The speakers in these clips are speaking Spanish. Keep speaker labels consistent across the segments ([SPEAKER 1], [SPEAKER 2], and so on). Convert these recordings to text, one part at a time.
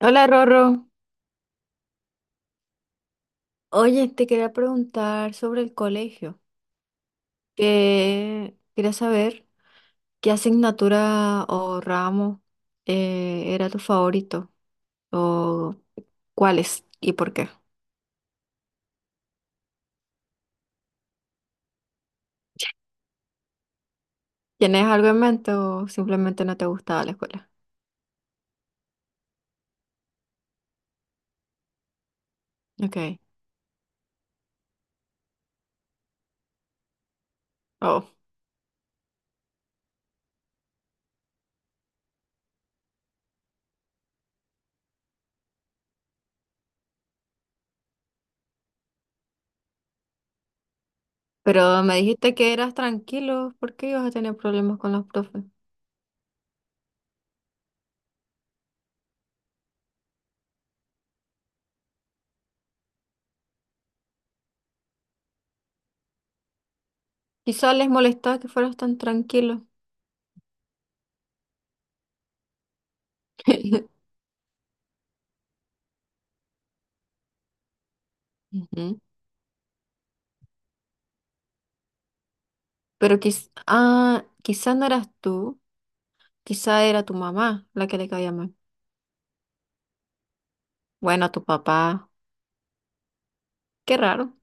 [SPEAKER 1] Hola Rorro, oye, te quería preguntar sobre el colegio, que quería saber qué asignatura o ramo era tu favorito o cuáles y por qué. ¿Tienes algo en mente o simplemente no te gustaba la escuela? Ok, oh, pero me dijiste que eras tranquilo, ¿por qué ibas a tener problemas con los profes? Quizás les molestaba que fueras tan tranquilo. Ujú. Pero quizás no eras tú. Quizá era tu mamá la que le caía mal. Bueno, tu papá. Qué raro.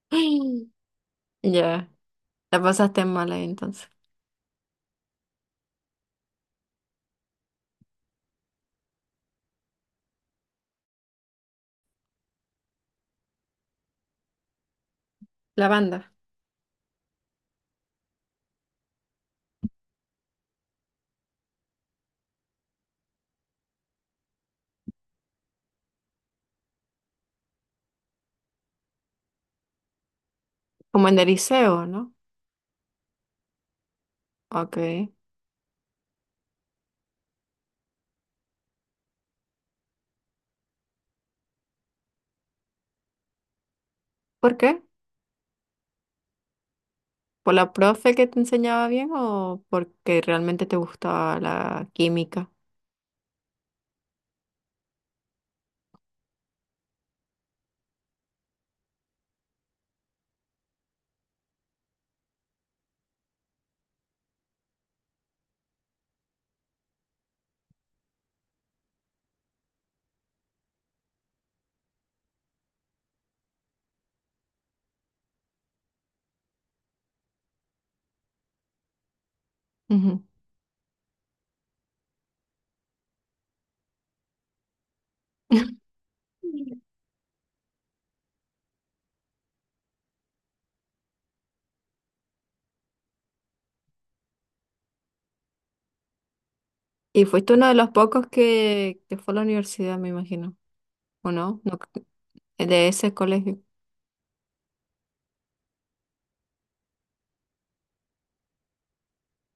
[SPEAKER 1] Ya, la pasaste mal ahí entonces. La banda. Como en el liceo, ¿no? Ok. ¿Por qué? ¿Por la profe que te enseñaba bien o porque realmente te gustaba la química? Ujú. Y fuiste uno de los pocos que fue a la universidad, me imagino. ¿O no? No, de ese colegio.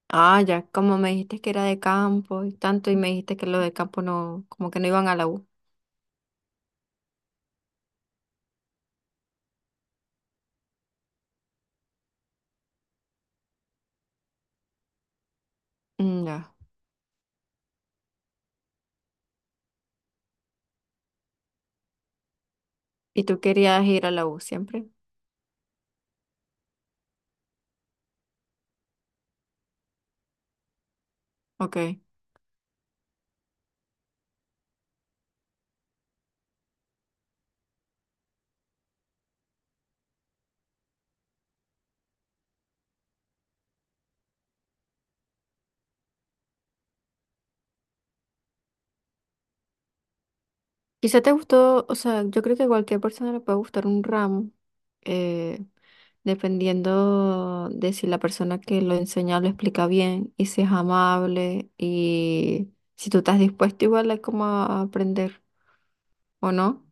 [SPEAKER 1] Ah, ya, como me dijiste que era de campo y tanto, y me dijiste que los de campo no, como que no iban a la U. Mm, ya. ¿Y tú querías ir a la U siempre? Ok. Quizá te gustó, o sea, yo creo que a cualquier persona le puede gustar un ramo, eh, dependiendo de si la persona que lo enseña lo explica bien y si es amable y si tú estás dispuesto igual a como a aprender, ¿o no?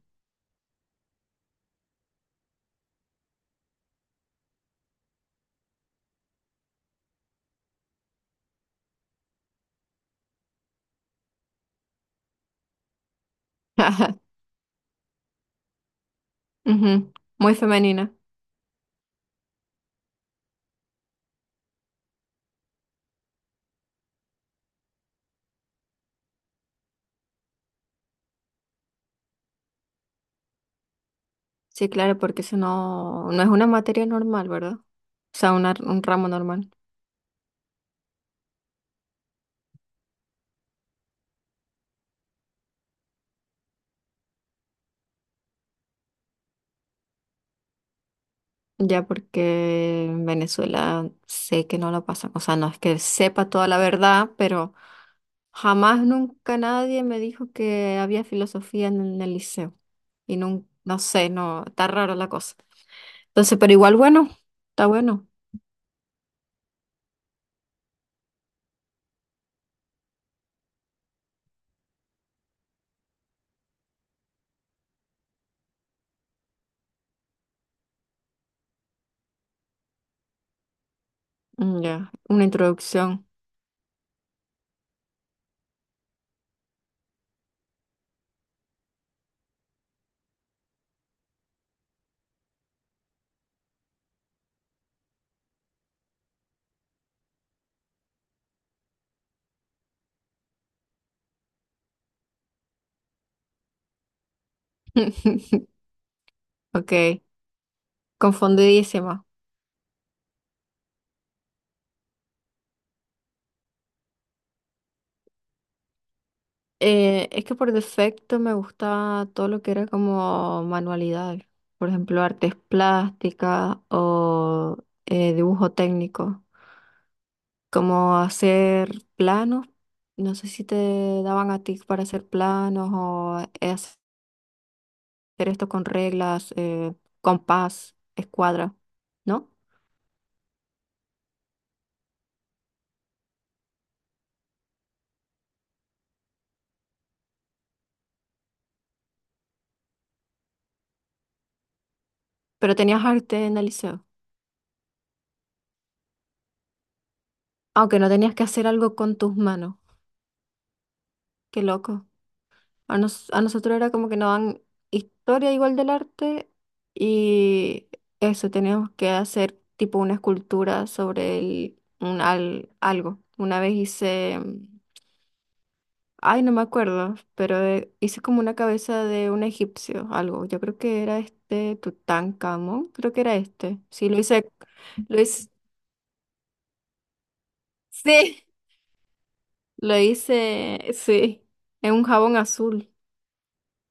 [SPEAKER 1] Ujú, muy femenina. Sí, claro, porque eso no, no es una materia normal, ¿verdad? O sea, un ramo normal. Ya porque en Venezuela sé que no lo pasan. O sea, no es que sepa toda la verdad, pero jamás, nunca nadie me dijo que había filosofía en el liceo. Y no, no sé, no, está raro la cosa. Entonces, pero igual bueno, está bueno. Mm, ya, una introducción. Ok, confundidísima. Es que por defecto me gustaba todo lo que era como manualidades, por ejemplo, artes plásticas o dibujo técnico, como hacer planos, no sé si te daban a ti para hacer planos o hacer esto con reglas, compás, escuadra, ¿no? Pero tenías arte en el liceo, aunque no tenías que hacer algo con tus manos, qué loco. A nosotros era como que nos dan historia igual del arte y eso, teníamos que hacer tipo una escultura sobre un algo. Una vez hice, mm, ay, no me acuerdo, pero hice como una cabeza de un egipcio, algo. Yo creo que era este Tutankamón, creo que era este. Sí, lo hice, sí, lo hice, sí, en un jabón azul.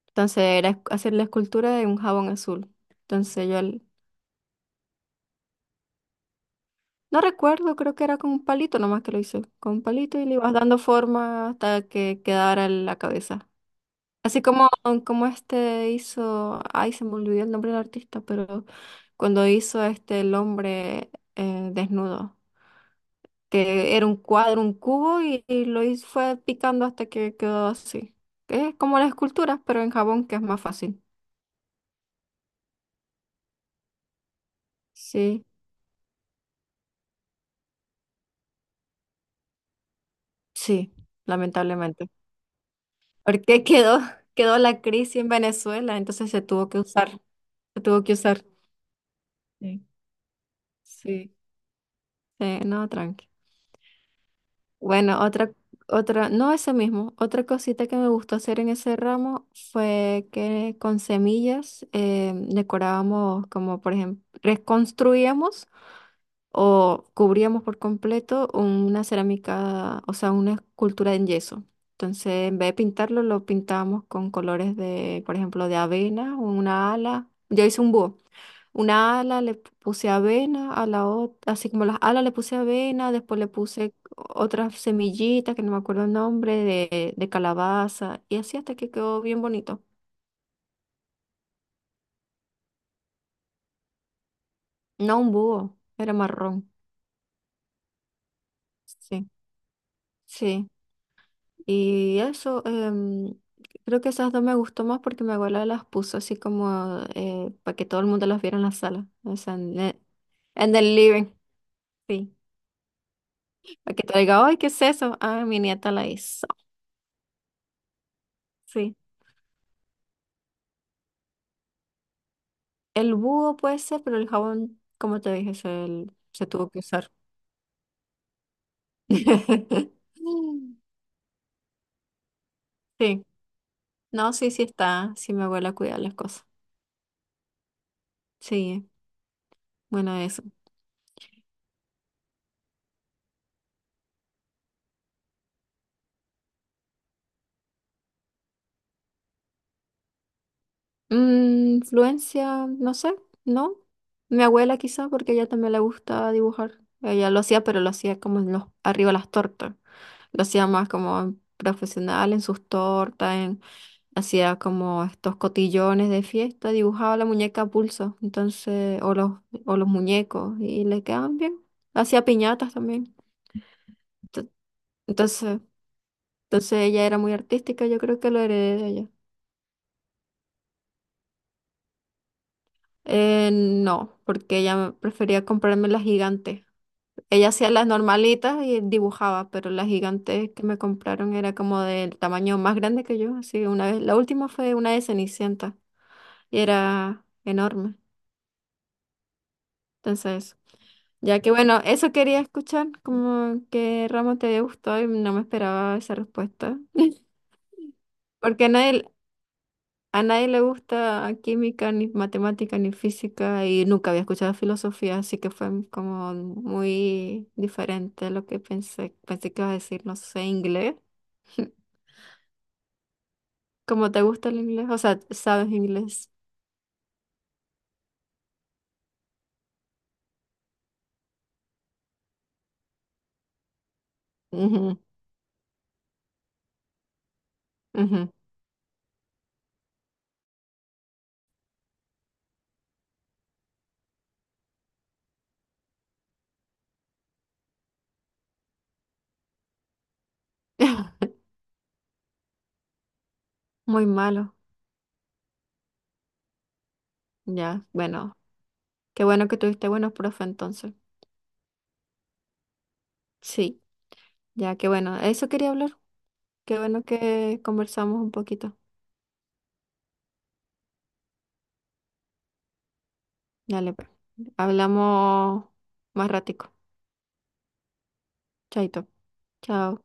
[SPEAKER 1] Entonces era hacer la escultura de un jabón azul. Entonces yo No recuerdo, creo que era con un palito nomás que lo hice, con un palito y le ibas dando forma hasta que quedara la cabeza. Así como, como este hizo, ay, se me olvidó el nombre del artista, pero cuando hizo este el hombre desnudo, que era un cuadro, un cubo y lo hizo, fue picando hasta que quedó así. Es como las esculturas, pero en jabón, que es más fácil. Sí, sí, lamentablemente. Porque quedó, quedó la crisis en Venezuela, entonces se tuvo que usar. Sí. Sí, sí, no, tranqui. Bueno, no ese mismo, otra cosita que me gustó hacer en ese ramo fue que con semillas decorábamos, como por ejemplo, reconstruíamos o cubríamos por completo una cerámica, o sea, una escultura en yeso. Entonces, en vez de pintarlo, lo pintábamos con colores de, por ejemplo, de avena, una ala. Yo hice un búho. Una ala le puse avena, a la otra, así como las alas le puse avena, después le puse otras semillitas que no me acuerdo el nombre, de calabaza, y así hasta que quedó bien bonito. No, un búho, era marrón. Sí, sí. Y eso, em, creo que esas dos me gustó más porque mi abuela las puso así como para que todo el mundo las viera en la sala, o sea, en el living, sí. Para que te diga, ay, ¿qué es eso? Ah, mi nieta la hizo, sí. El búho puede ser, pero el jabón, como te dije, se tuvo que usar. Sí, no, sí, sí está, sí mi abuela cuida las cosas. Sí, bueno, eso. Mm, influencia, no sé, ¿no? Mi abuela quizá, porque a ella también le gusta dibujar. Ella lo hacía, pero lo hacía como en los, arriba las tortas. Lo hacía más como profesional en sus tortas, hacía como estos cotillones de fiesta, dibujaba la muñeca a pulso, entonces, o los muñecos, y le quedaban bien. Hacía piñatas también. Ento- Entonces, entonces ella era muy artística, yo creo que lo heredé de ella. No, porque ella prefería comprarme las gigantes. Ella hacía las normalitas y dibujaba, pero las gigantes que me compraron era como del tamaño más grande que yo. Así una vez, la última fue una de Cenicienta y era enorme. Entonces, ya que bueno, eso quería escuchar, como que ramo te gustó y no me esperaba esa respuesta. Porque a nadie le gusta química, ni matemática, ni física y nunca había escuchado filosofía, así que fue como muy diferente lo que pensé. Pensé que iba a decir, no sé, inglés. ¿Cómo te gusta el inglés? O sea, ¿sabes inglés? Ujú, ujú. Muy malo. Ya, bueno. Qué bueno que tuviste buenos profe entonces. Sí, ya, qué bueno. Eso quería hablar. Qué bueno que conversamos un poquito. Dale, pues. Hablamos más ratico. Chaito. Chao.